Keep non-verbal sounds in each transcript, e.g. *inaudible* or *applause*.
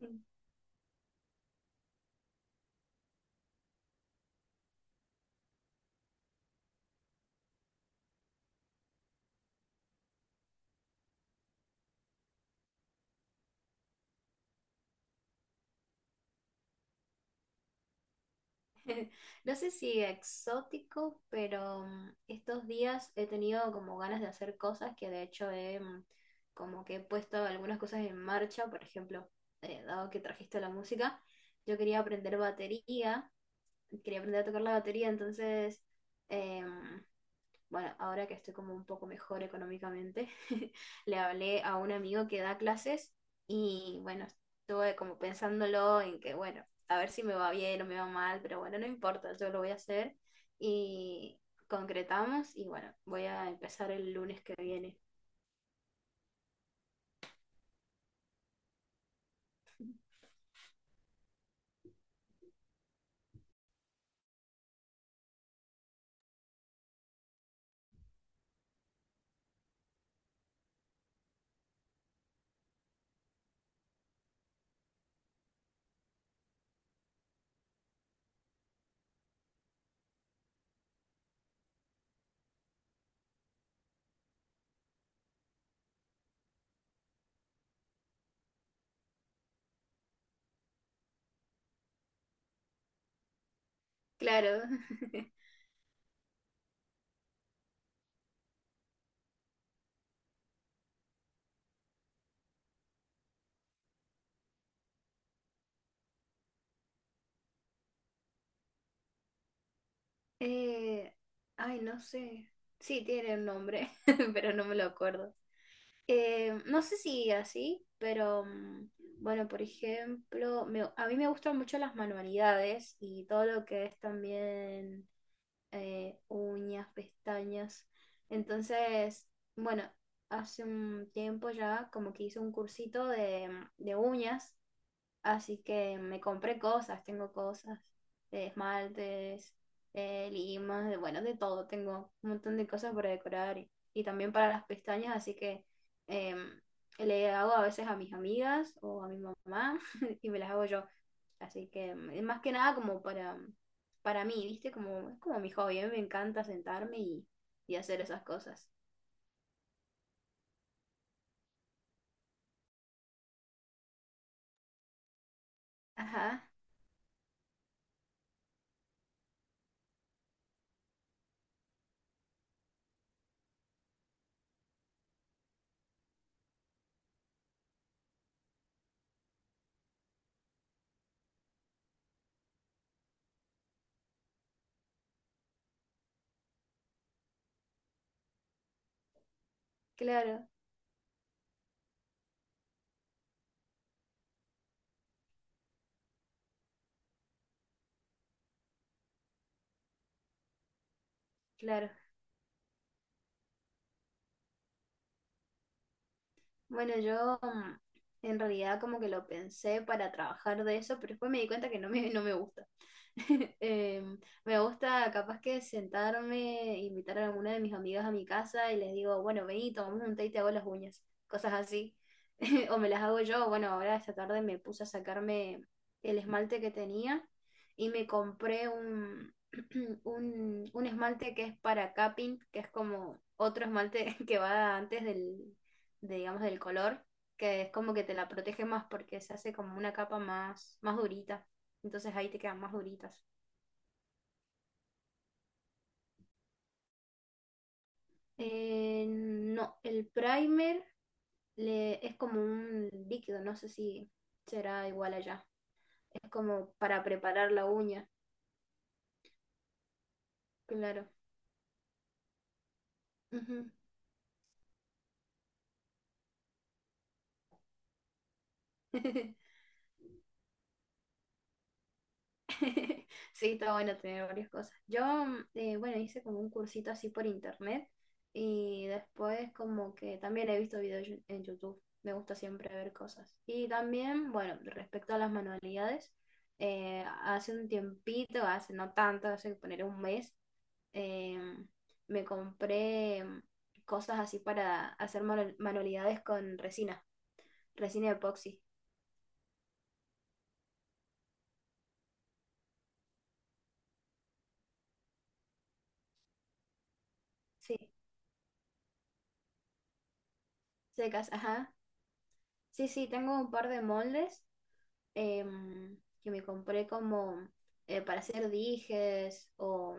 *laughs* No sé si exótico, pero estos días he tenido como ganas de hacer cosas que de hecho he como que he puesto algunas cosas en marcha. Por ejemplo, dado que trajiste la música, yo quería aprender batería, quería aprender a tocar la batería. Entonces em, bueno, ahora que estoy como un poco mejor económicamente, *laughs* le hablé a un amigo que da clases y bueno, estuve como pensándolo en que, bueno, a ver si me va bien o me va mal, pero bueno, no importa, yo lo voy a hacer y concretamos y bueno, voy a empezar el lunes que viene. Claro. *laughs* Eh, ay, no sé. Sí, tiene un nombre, *laughs* pero no me lo acuerdo. No sé si así, pero bueno, por ejemplo, a mí me gustan mucho las manualidades y todo lo que es también uñas, pestañas. Entonces, bueno, hace un tiempo ya como que hice un cursito de uñas. Así que me compré cosas, tengo cosas, esmaltes, limas, de, bueno, de todo, tengo un montón de cosas para decorar y también para las pestañas, así que eh, le hago a veces a mis amigas o a mi mamá *laughs* y me las hago yo. Así que más que nada como para mí, ¿viste? Como, es como mi hobby, a mí me encanta sentarme y hacer esas cosas. Ajá, claro, claro. Bueno, yo en realidad como que lo pensé para trabajar de eso, pero después me di cuenta que no me gusta. *laughs* Em, Me gusta capaz que sentarme, invitar a alguna de mis amigas a mi casa y les digo, bueno, vení, tomamos un té y te hago las uñas, cosas así. *laughs* O me las hago yo, bueno, ahora esta tarde me puse a sacarme el esmalte que tenía y me compré un, *clears throat* un esmalte que es para capping, que es como otro esmalte *laughs* que va antes del, de, digamos, del color, que es como que te la protege más porque se hace como una capa más, más durita. Entonces ahí te quedan más duritas. No, el primer le, es como un líquido, no sé si será igual allá. Es como para preparar la uña, claro. Ujú. *laughs* *laughs* Sí, está bueno tener varias cosas. Yo, bueno, hice como un cursito así por internet y después como que también he visto videos en YouTube. Me gusta siempre ver cosas. Y también, bueno, respecto a las manualidades, hace un tiempito, hace no tanto, hace poner un mes, eh, me compré cosas así para hacer manualidades con resina, resina epoxi. Sí, secas, ajá. Sí, sí, tengo un par de moldes que me compré como para hacer dijes o,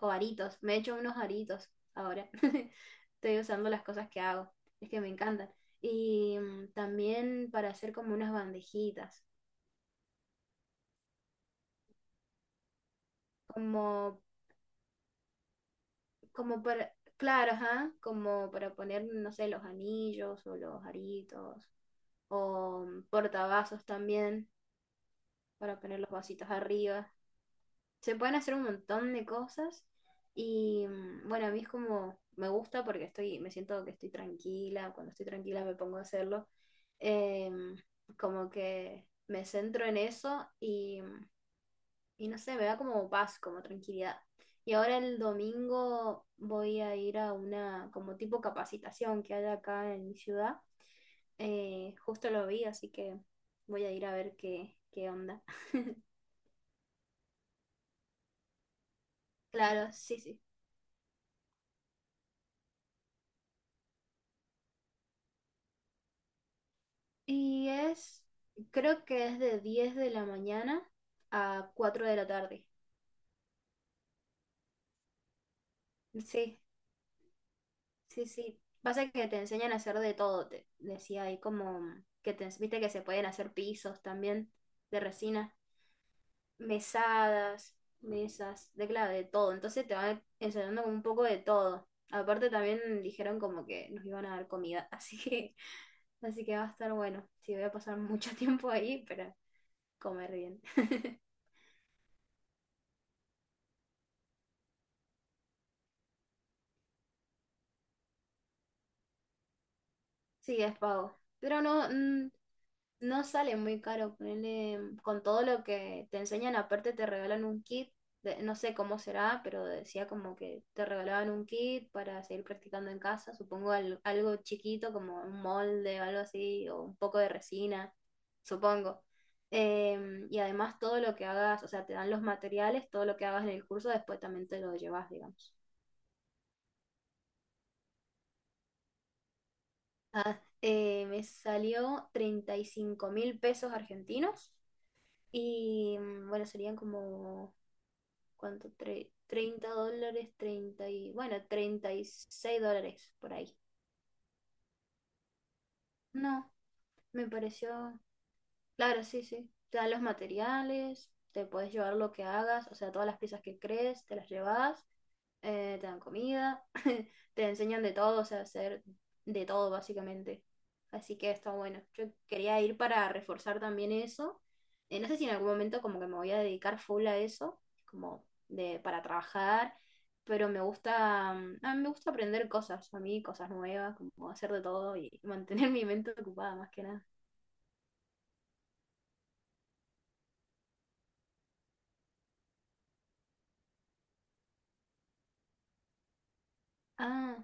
o aritos. Me he hecho unos aritos ahora. *laughs* Estoy usando las cosas que hago. Es que me encantan. Y también para hacer como unas bandejitas. Como, como para, claro, ajá, como para poner, no sé, los anillos o los aritos. O portavasos también, para poner los vasitos arriba. Se pueden hacer un montón de cosas y bueno, a mí es como, me gusta porque estoy, me siento que estoy tranquila, cuando estoy tranquila me pongo a hacerlo. Em, Como que me centro en eso y, y no sé, me da como paz, como tranquilidad. Y ahora el domingo voy a ir a una como tipo capacitación que hay acá en mi ciudad. Justo lo vi, así que voy a ir a ver qué onda. *laughs* Claro, sí, sí. Y es, creo que es de 10 de la mañana a 4 de la tarde. Sí, sí, sí. Pasa que te enseñan a hacer de todo, te decía ahí como que te viste que se pueden hacer pisos también de resina, mesadas, mesas, de claro, de todo. Entonces te van enseñando como un poco de todo. Aparte también dijeron como que nos iban a dar comida, *laughs* así que va a estar bueno. Sí, voy a pasar mucho *laughs* tiempo ahí, pero comer bien. *laughs* Sí, es pago. Pero no, no sale muy caro. Ponerle con todo lo que te enseñan, aparte te regalan un kit. No sé cómo será, pero decía como que te regalaban un kit para seguir practicando en casa. Supongo algo chiquito como un molde o algo así, o un poco de resina, supongo. Y además todo lo que hagas, o sea, te dan los materiales, todo lo que hagas en el curso, después también te lo llevas, digamos. Ah, me salió 35.000 pesos argentinos. Y bueno, serían como, ¿cuánto? 30 dólares, 30 y, bueno, 36 dólares por ahí. No, me pareció. Claro, sí, sí. Te dan los materiales, te puedes llevar lo que hagas, o sea, todas las piezas que crees, te las llevas, te dan comida, *laughs* te enseñan de todo, o sea, hacer de todo básicamente. Así que está bueno. Yo quería ir para reforzar también eso. No sé si en algún momento como que me voy a dedicar full a eso, como de para trabajar, pero me gusta, a mí me gusta aprender cosas, a mí cosas nuevas, como hacer de todo y mantener *laughs* mi mente ocupada más que nada. Ah,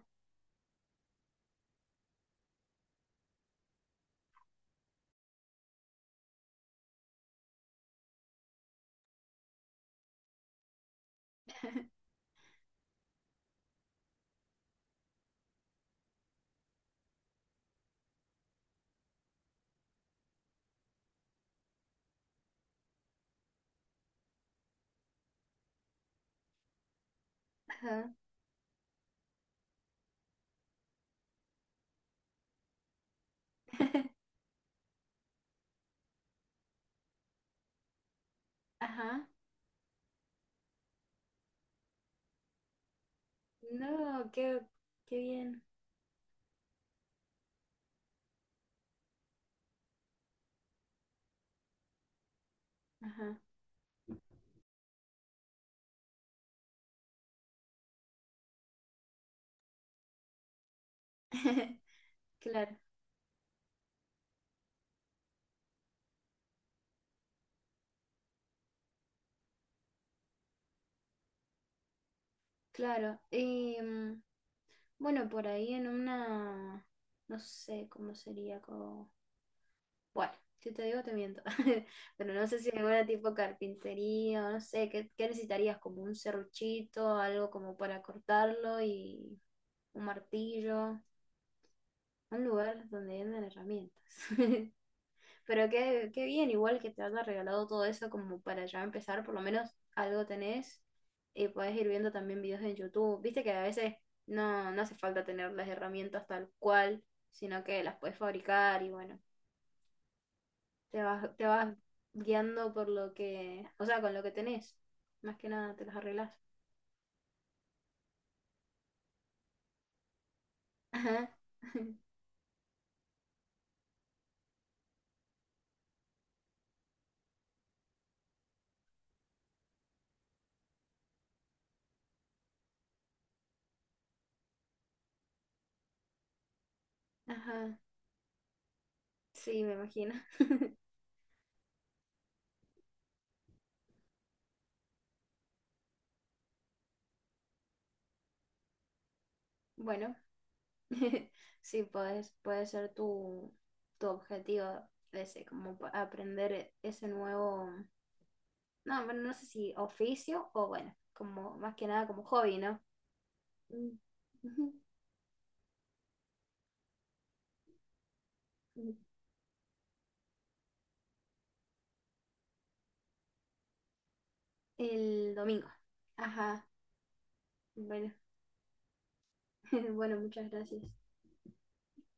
ajá. *laughs* Ajá. No, qué bien. Ajá. *laughs* Claro, claro. Y bueno, por ahí en una, no sé cómo sería como, bueno, si te digo te miento, *laughs* pero no sé si en alguna tipo carpintería o no sé, ¿qué necesitarías? Como un serruchito, algo como para cortarlo y un martillo, un lugar donde venden herramientas. *laughs* Pero qué bien, igual que te haya regalado todo eso como para ya empezar, por lo menos algo tenés y podés ir viendo también videos en YouTube. Viste que a veces no, no hace falta tener las herramientas tal cual, sino que las puedes fabricar y bueno, te vas guiando por lo que, o sea, con lo que tenés. Más que nada te las arreglas. Ajá. *laughs* Ajá. Sí, me imagino. *laughs* Bueno, *laughs* sí, puedes, puede ser tu, objetivo ese, como aprender ese nuevo, no, bueno, no sé si oficio o bueno, como más que nada como hobby, ¿no? Mm. *laughs* El domingo. Ajá, bueno, *laughs* bueno, muchas gracias.